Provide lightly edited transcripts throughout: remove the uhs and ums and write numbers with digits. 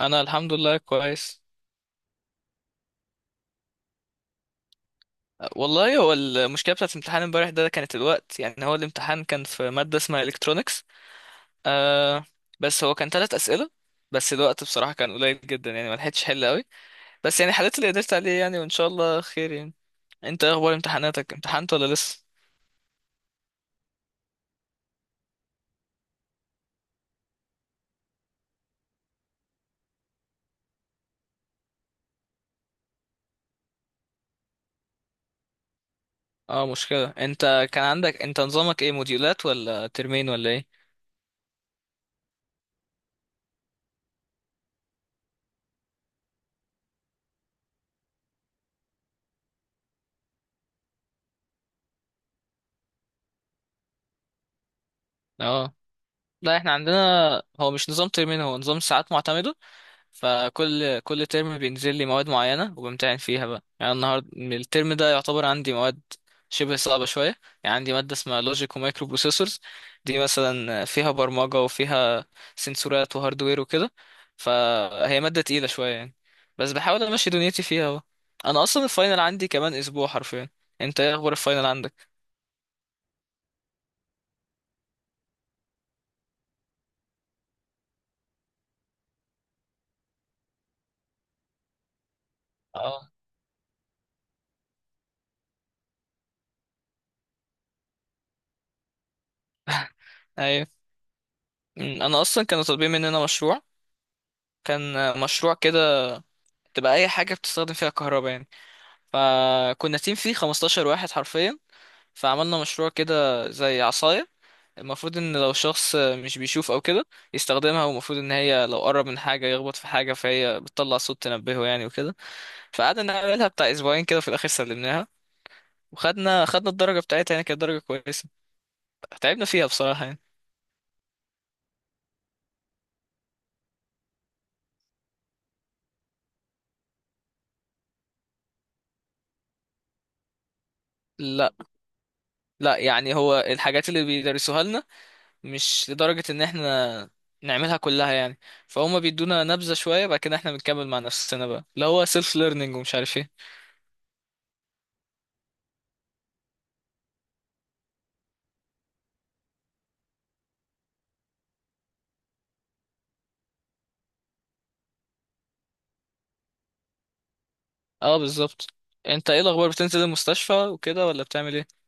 انا الحمد لله كويس. والله هو المشكله بتاعت الامتحان امبارح ده كانت الوقت، يعني هو الامتحان كان في ماده اسمها الكترونكس. آه. بس هو كان 3 اسئله، بس الوقت بصراحه كان قليل جدا، يعني ما لحقتش حل قوي. بس يعني حليت اللي قدرت عليه، يعني وان شاء الله خير يعني. انت إيه اخبار امتحاناتك؟ امتحنت ولا لسه؟ اه. مشكله. انت كان عندك، انت نظامك ايه، موديولات ولا ترمين ولا ايه؟ اه. لا، احنا عندنا هو مش نظام ترمين، هو نظام ساعات معتمده. فكل ترم بينزل لي مواد معينة وبمتحن فيها بقى، يعني النهارده الترم ده يعتبر عندي مواد شبه صعبة شوية. يعني عندي مادة اسمها لوجيك ومايكرو بروسيسورز، دي مثلا فيها برمجة وفيها سنسورات وهاردوير وكده. فهي مادة تقيلة شوية يعني، بس بحاول امشي دنيتي فيها اهو. انا اصلا الفاينل عندي كمان اسبوع حرفيا. انت ايه اخبار الفاينل عندك؟ اه. ايوه. انا اصلا كانوا طالبين مننا مشروع. كان مشروع كده تبقى اي حاجة بتستخدم فيها كهرباء يعني. فكنا تيم فيه 15 واحد حرفيا. فعملنا مشروع كده زي عصاية، المفروض ان لو شخص مش بيشوف او كده يستخدمها، والمفروض ان هي لو قرب من حاجة يخبط في حاجة فهي بتطلع صوت تنبهه يعني وكده. فقعدنا نعملها بتاع اسبوعين كده، في الاخر سلمناها. وخدنا الدرجة بتاعتها، يعني كانت درجة كويسة. تعبنا فيها بصراحة يعني. لا لا، يعني هو الحاجات اللي بيدرسوها لنا مش لدرجة ان احنا نعملها كلها يعني. فهم بيدونا نبذة شوية، بعد كده احنا بنكمل مع نفسنا بقى، اللي هو سيلف ليرنينج ومش عارف ايه. اه، بالظبط. انت ايه الاخبار، بتنزل المستشفى وكده ولا بتعمل ايه؟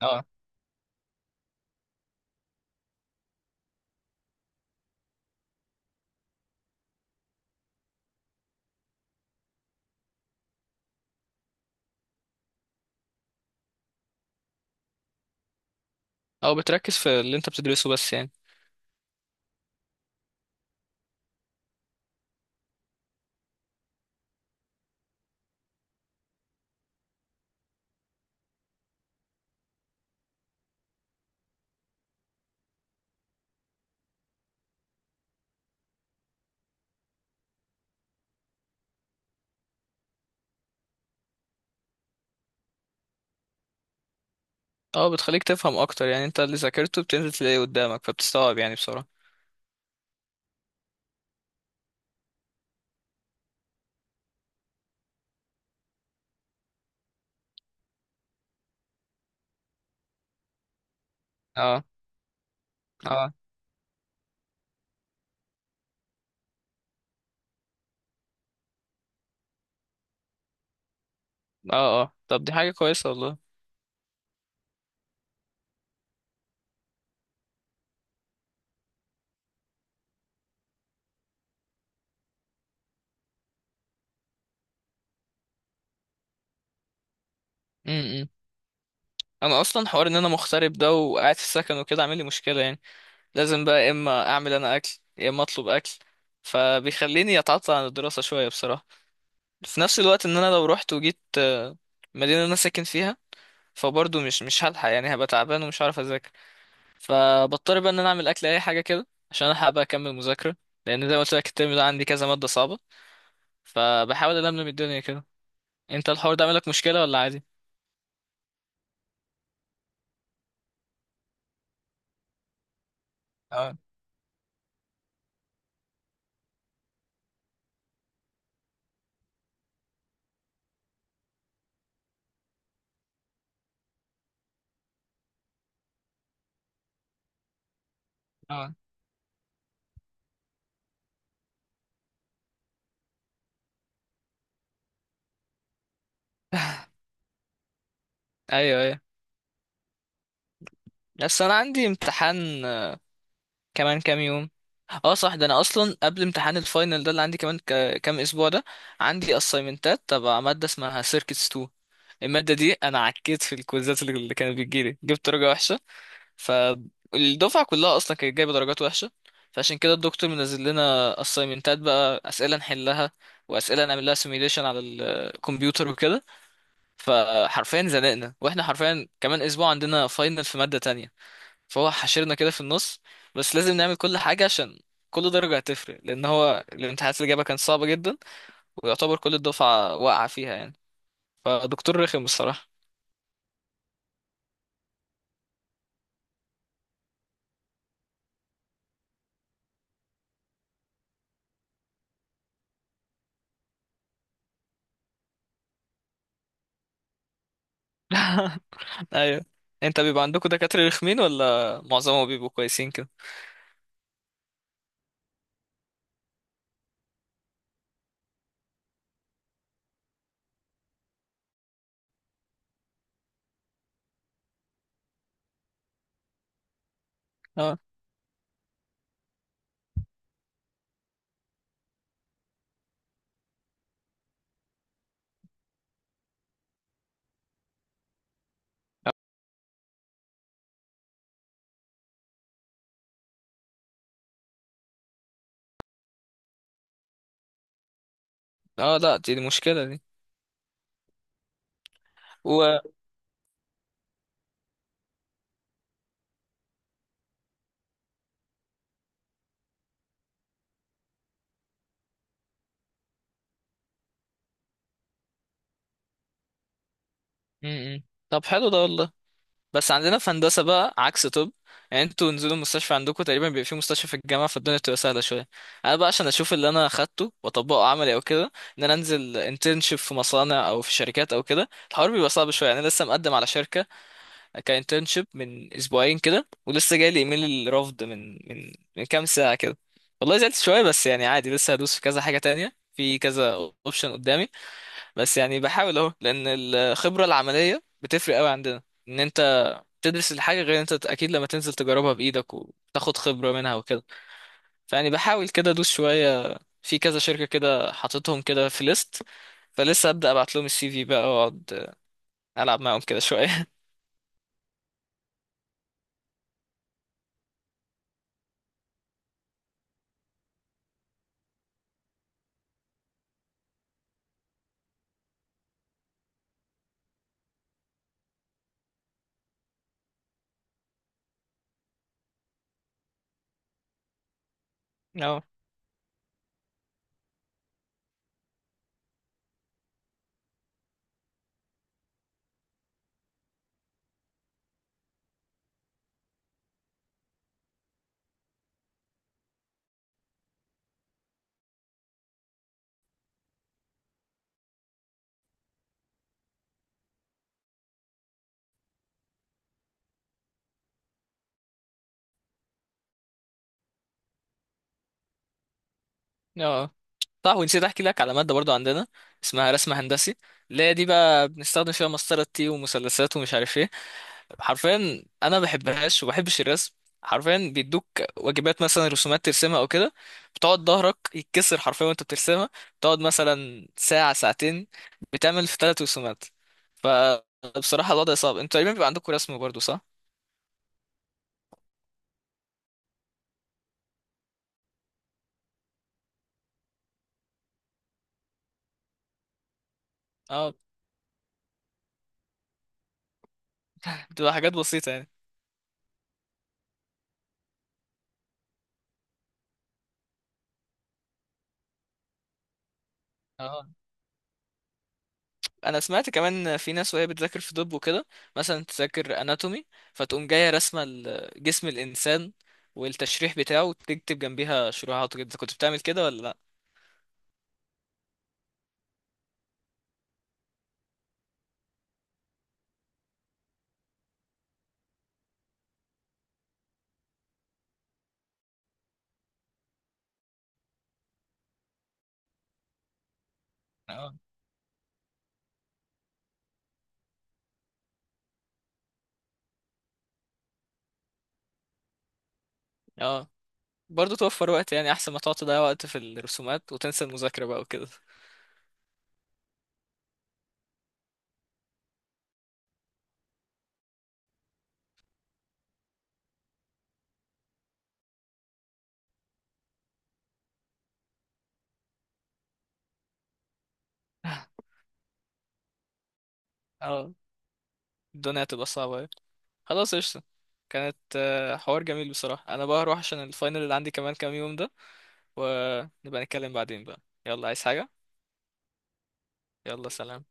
اه. او بتركز في اللي انت بتدرسه بس يعني. اه، بتخليك تفهم اكتر، يعني انت اللي ذاكرته بتنزل تلاقيه قدامك فبتستوعب يعني بسرعة. اه. اه. اه. اه، طب دي حاجة كويسة والله. امم، انا اصلا حوار ان انا مغترب ده وقاعد في السكن وكده عامل لي مشكلة يعني. لازم بقى يا اما اعمل انا اكل، يا اما اطلب اكل. فبيخليني اتعطل عن الدراسة شوية بصراحة. في نفس الوقت ان انا لو رحت وجيت مدينة انا ساكن فيها، فبرضه مش هلحق يعني، هبقى تعبان ومش هعرف اذاكر. فبضطر بقى ان انا اعمل اكل اي حاجة كده عشان الحق بقى اكمل مذاكرة. لان زي ما قلت لك الترم ده عندي كذا مادة صعبة، فبحاول ألملم الدنيا كده. انت الحوار ده عامل لك مشكلة ولا عادي؟ اه. اه. ايوه، ايوه. بس انا عندي امتحان كمان كام يوم. اه صح، ده انا اصلا قبل امتحان الفاينل ده اللي عندي كمان كام اسبوع ده، عندي اسايمنتات تبع ماده اسمها سيركتس 2. الماده دي انا عكيت في الكويزات اللي كانت بتجيلي، جبت درجه وحشه. فالدفعه كلها اصلا كانت جايبه درجات وحشه. فعشان كده الدكتور منزل لنا اسايمنتات بقى، اسئله نحلها واسئله نعمل لها سيميليشن على الكمبيوتر وكده. فحرفيا زنقنا، واحنا حرفيا كمان اسبوع عندنا فاينل في ماده تانية، فهو حشرنا كده في النص. بس لازم نعمل كل حاجة، عشان كل درجة هتفرق، لأن هو الامتحانات اللي جابها كانت صعبة جدا، ويعتبر كل الدفعة واقعة فيها يعني. فدكتور رخم الصراحة. أيوه. أنت بيبقى عندكم دكاترة رخمين ولا معظمهم بيبقوا كويسين كده؟ اه. اه لا، دي مشكلة دي. و م- م. طب حلو ده والله. بس عندنا في هندسة بقى عكس طب، يعني انتوا نزلوا المستشفى عندكم، تقريبا بيبقى في مستشفى في الجامعة، فالدنيا بتبقى سهلة شوية. انا بقى عشان اشوف اللي انا اخدته واطبقه عملي او كده، ان انا انزل انترنشيب في مصانع او في شركات او كده، الحوار بيبقى صعب شوية يعني. انا لسه مقدم على شركة كانترنشيب من اسبوعين كده، ولسه جاي لي ايميل الرفض من كام ساعة كده. والله زعلت شوية بس يعني عادي، لسه هدوس في كذا حاجة تانية في كذا اوبشن قدامي. بس يعني بحاول اهو، لان الخبرة العملية بتفرق قوي عندنا، ان انت تدرس الحاجة غير انت اكيد لما تنزل تجربها بايدك وتاخد خبرة منها وكده. فيعني بحاول كده ادوس شوية في كذا شركة كده، حاططهم كده في ليست، فلسه ابدا ابعت لهم السي في بقى واقعد العب معاهم كده شوية. اه. اه صح، ونسيت احكي لك على مادة برضو عندنا اسمها رسم هندسي. اللي هي دي بقى بنستخدم فيها مسطرة تي ومثلثات ومش عارف ايه. حرفيا انا ما بحبهاش وما بحبش الرسم. حرفيا بيدوك واجبات مثلا رسومات ترسمها او كده، بتقعد ظهرك يتكسر حرفيا وانت بترسمها. بتقعد مثلا ساعة ساعتين بتعمل في 3 رسومات. فبصراحة الوضع صعب. انتوا تقريبا بيبقى عندكم رسم برضو صح؟ اه، بتبقى حاجات بسيطة يعني. اه، انا سمعت كمان في ناس وهي بتذاكر في طب وكده، مثلا تذاكر اناتومي، فتقوم جاية رسمة جسم الانسان والتشريح بتاعه وتكتب جنبيها شروحات وكده. كنت بتعمل كده ولا لا؟ اه، برضه توفر وقت، يعني احسن ما تقعد تضيع وقت في الرسومات وتنسى المذاكرة بقى وكده. اه. الدنيا هتبقى صعبة أوي. خلاص قشطة. كانت حوار جميل بصراحة. انا بقى هروح عشان الفاينل اللي عندي كمان كام يوم ده، ونبقى نتكلم بعدين بقى. يلا، عايز حاجة؟ يلا سلام